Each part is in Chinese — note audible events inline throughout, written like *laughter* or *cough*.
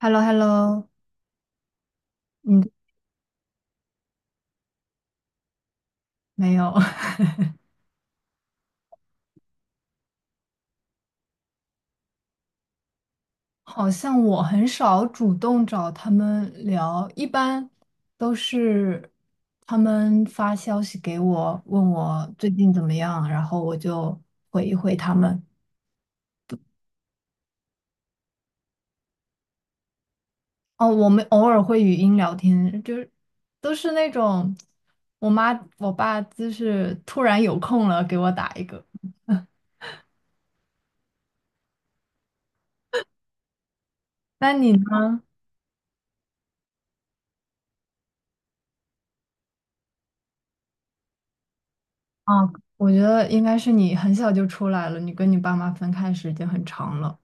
h e l l o h e l l o 嗯，没有，*laughs* 好像我很少主动找他们聊，一般都是他们发消息给我，问我最近怎么样，然后我就回一回他们。哦，我们偶尔会语音聊天，就是都是那种我妈我爸就是突然有空了给我打一个。那你呢？啊，我觉得应该是你很小就出来了，你跟你爸妈分开时间很长了。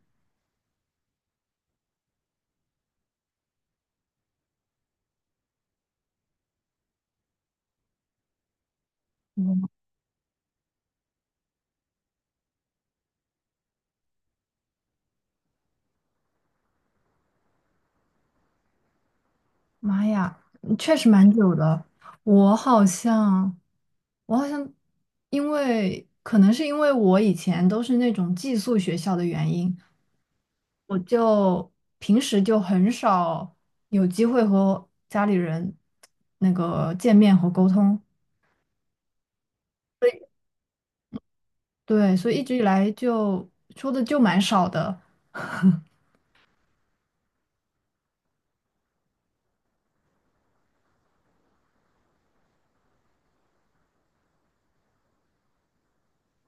妈呀，嗯确实蛮久的。我好像，我好像，因为可能是因为我以前都是那种寄宿学校的原因，我就平时就很少有机会和家里人那个见面和沟通。对，所以一直以来就说的就蛮少的。*laughs*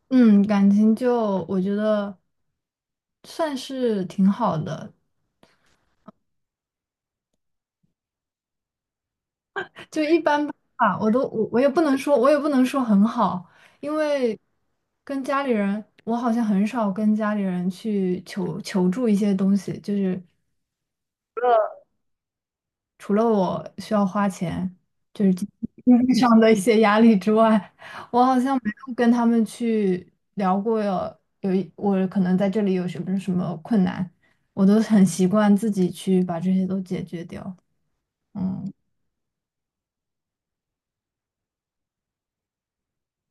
嗯，感情就我觉得算是挺好的，就一般吧，我也不能说很好，因为跟家里人，我好像很少跟家里人去求助一些东西，就是除了我需要花钱，就是经济上的一些压力之外，我好像没有跟他们去聊过有有一我可能在这里有什么什么困难，我都很习惯自己去把这些都解决掉，嗯。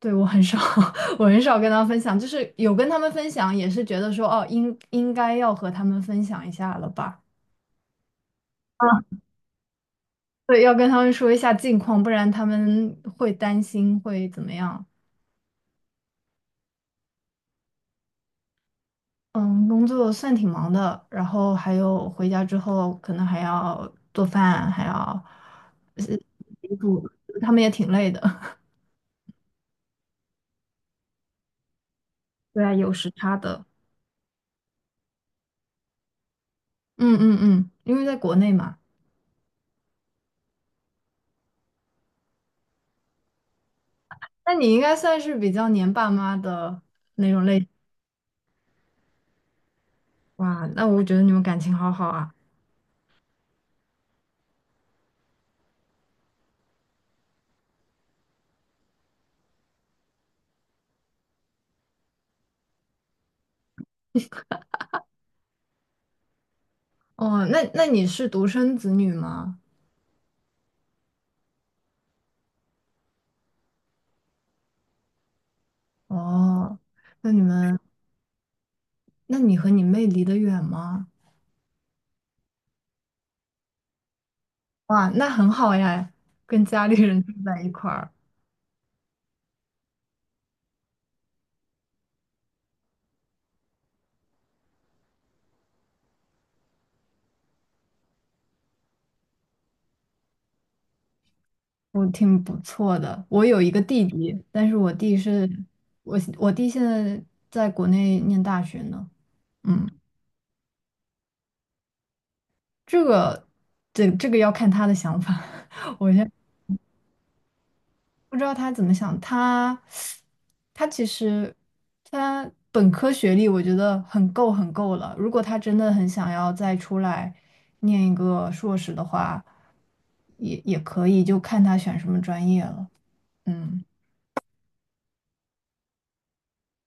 对，我很少，*laughs* 我很少跟他分享，就是有跟他们分享，也是觉得说，哦，应该要和他们分享一下了吧？啊，对，要跟他们说一下近况，不然他们会担心，会怎么样？嗯，工作算挺忙的，然后还有回家之后可能还要做饭，还要洗衣服，他们也挺累的。*laughs* 对啊，有时差的。嗯嗯嗯，因为在国内嘛，那你应该算是比较黏爸妈的那种类。哇，那我觉得你们感情好好啊。哦，那你是独生子女吗？哦，那你们，那你和你妹离得远吗？哇，那很好呀，跟家里人住在一块儿，我挺不错的。我有一个弟弟，但是我弟现在在国内念大学呢。嗯，这个，这个要看他的想法。*laughs* 我现不知道他怎么想，他其实他本科学历我觉得很够很够了。如果他真的很想要再出来念一个硕士的话，也可以，就看他选什么专业了。嗯，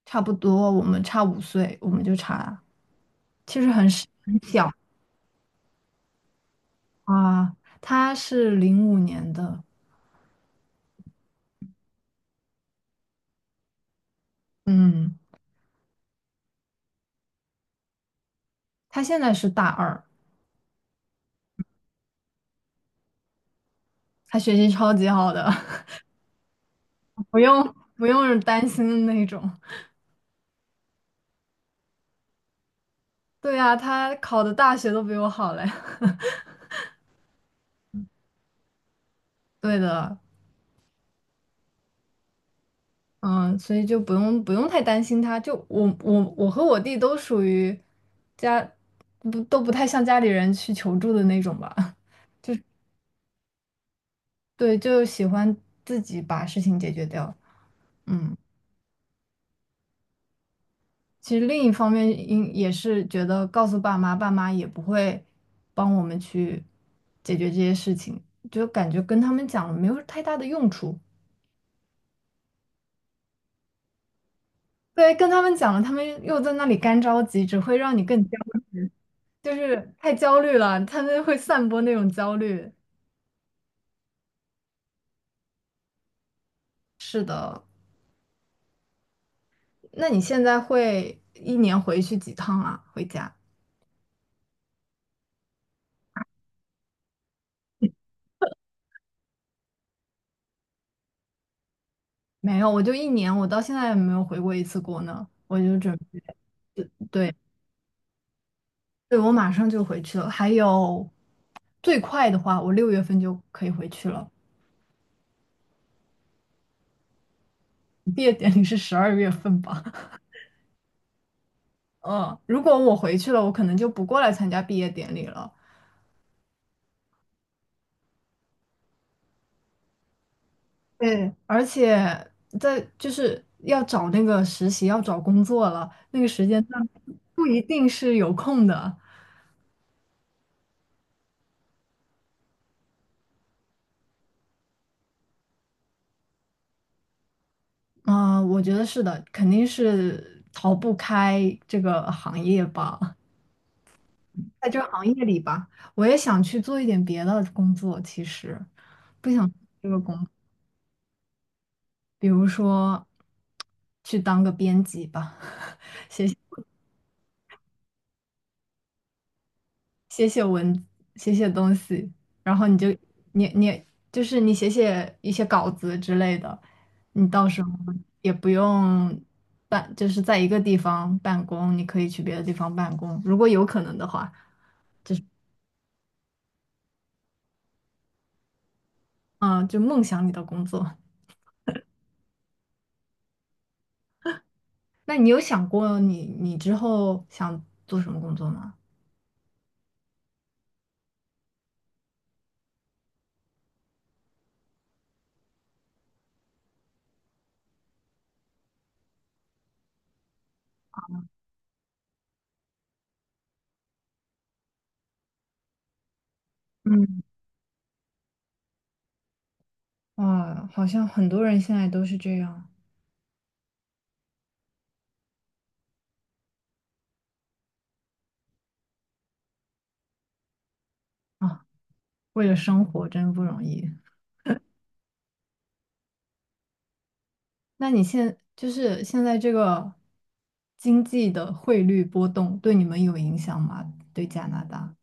差不多，我们差5岁，我们就差，其实很是很小啊。他是05年的，嗯，他现在是大二，他学习超级好的，*laughs* 不用不用担心的那种。对呀，他考的大学都比我好嘞。*laughs* 对的，嗯，所以就不用不用太担心他。就我和我弟都属于家不都不太向家里人去求助的那种吧。*laughs* 对，就喜欢自己把事情解决掉。嗯，其实另一方面，也是觉得告诉爸妈，爸妈也不会帮我们去解决这些事情，就感觉跟他们讲没有太大的用处。对，跟他们讲了，他们又在那里干着急，只会让你更焦虑，就是太焦虑了，他们会散播那种焦虑。那你现在会一年回去几趟啊？回家？没有，我就一年，我到现在也没有回过一次国呢。我就准备，对，对，我马上就回去了。还有，最快的话，我6月份就可以回去了。毕业典礼是12月份吧？*laughs* 嗯，如果我回去了，我可能就不过来参加毕业典礼了。对，而且就是要找那个实习，要找工作了，那个时间段不一定是有空的。嗯、我觉得是的，肯定是逃不开这个行业吧，在这个行业里吧，我也想去做一点别的工作，其实不想这个工，比如说去当个编辑吧，*laughs* 写写文，写写东西，然后你就你你就是你写写一些稿子之类的，你到时候也不用办，就是在一个地方办公，你可以去别的地方办公，如果有可能的话，嗯，就梦想你的工作。那你有想过你之后想做什么工作吗？嗯，哇，好像很多人现在都是这样啊，为了生活真不容易。那你现就是现在这个经济的汇率波动对你们有影响吗？对加拿大，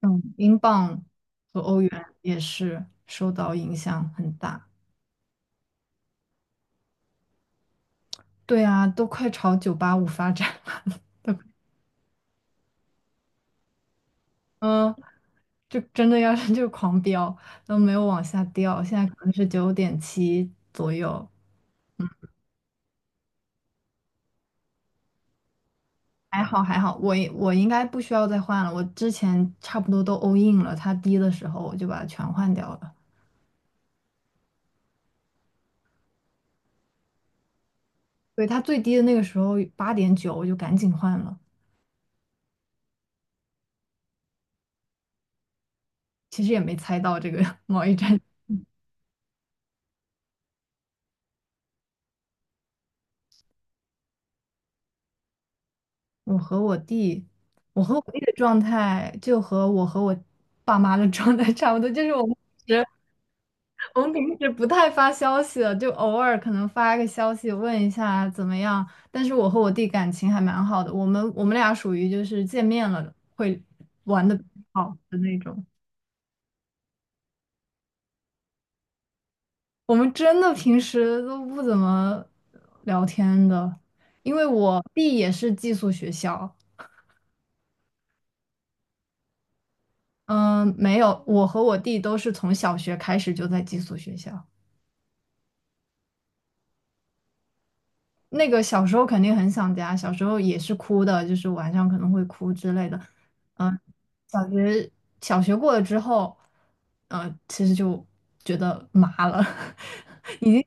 嗯，英镑和欧元也是受到影响很大。对啊，都快朝985发展，*laughs* 嗯，就真的要 *laughs* 是就狂飙，都没有往下掉，现在可能是9.7左右，还好还好，我应该不需要再换了，我之前差不多都 all in 了，它低的时候我就把它全换掉了。对，它最低的那个时候8.9，我就赶紧换了。其实也没猜到这个 *laughs* 贸易战。我和我弟，我和我弟的状态就和我和我爸妈的状态差不多，就是平时我们平时不太发消息的，就偶尔可能发个消息问一下怎么样。但是我和我弟感情还蛮好的，我们俩属于就是见面了会玩的好的那种。我们真的平时都不怎么聊天的，因为我弟也是寄宿学校，嗯，没有，我和我弟都是从小学开始就在寄宿学校。那个小时候肯定很想家，小时候也是哭的，就是晚上可能会哭之类的。嗯，小学小学过了之后，其实就觉得麻了，*laughs* 已经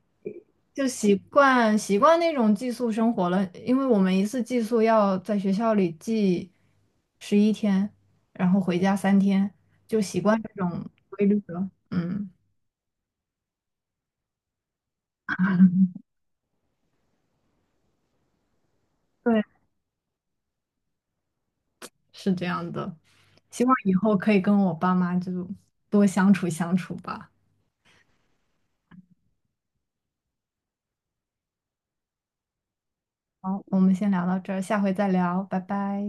就习惯习惯那种寄宿生活了。因为我们一次寄宿要在学校里寄11天，然后回家3天，就习惯这种规律了。嗯。对。是这样的。希望以后可以跟我爸妈就多相处相处吧。好，我们先聊到这儿，下回再聊，拜拜。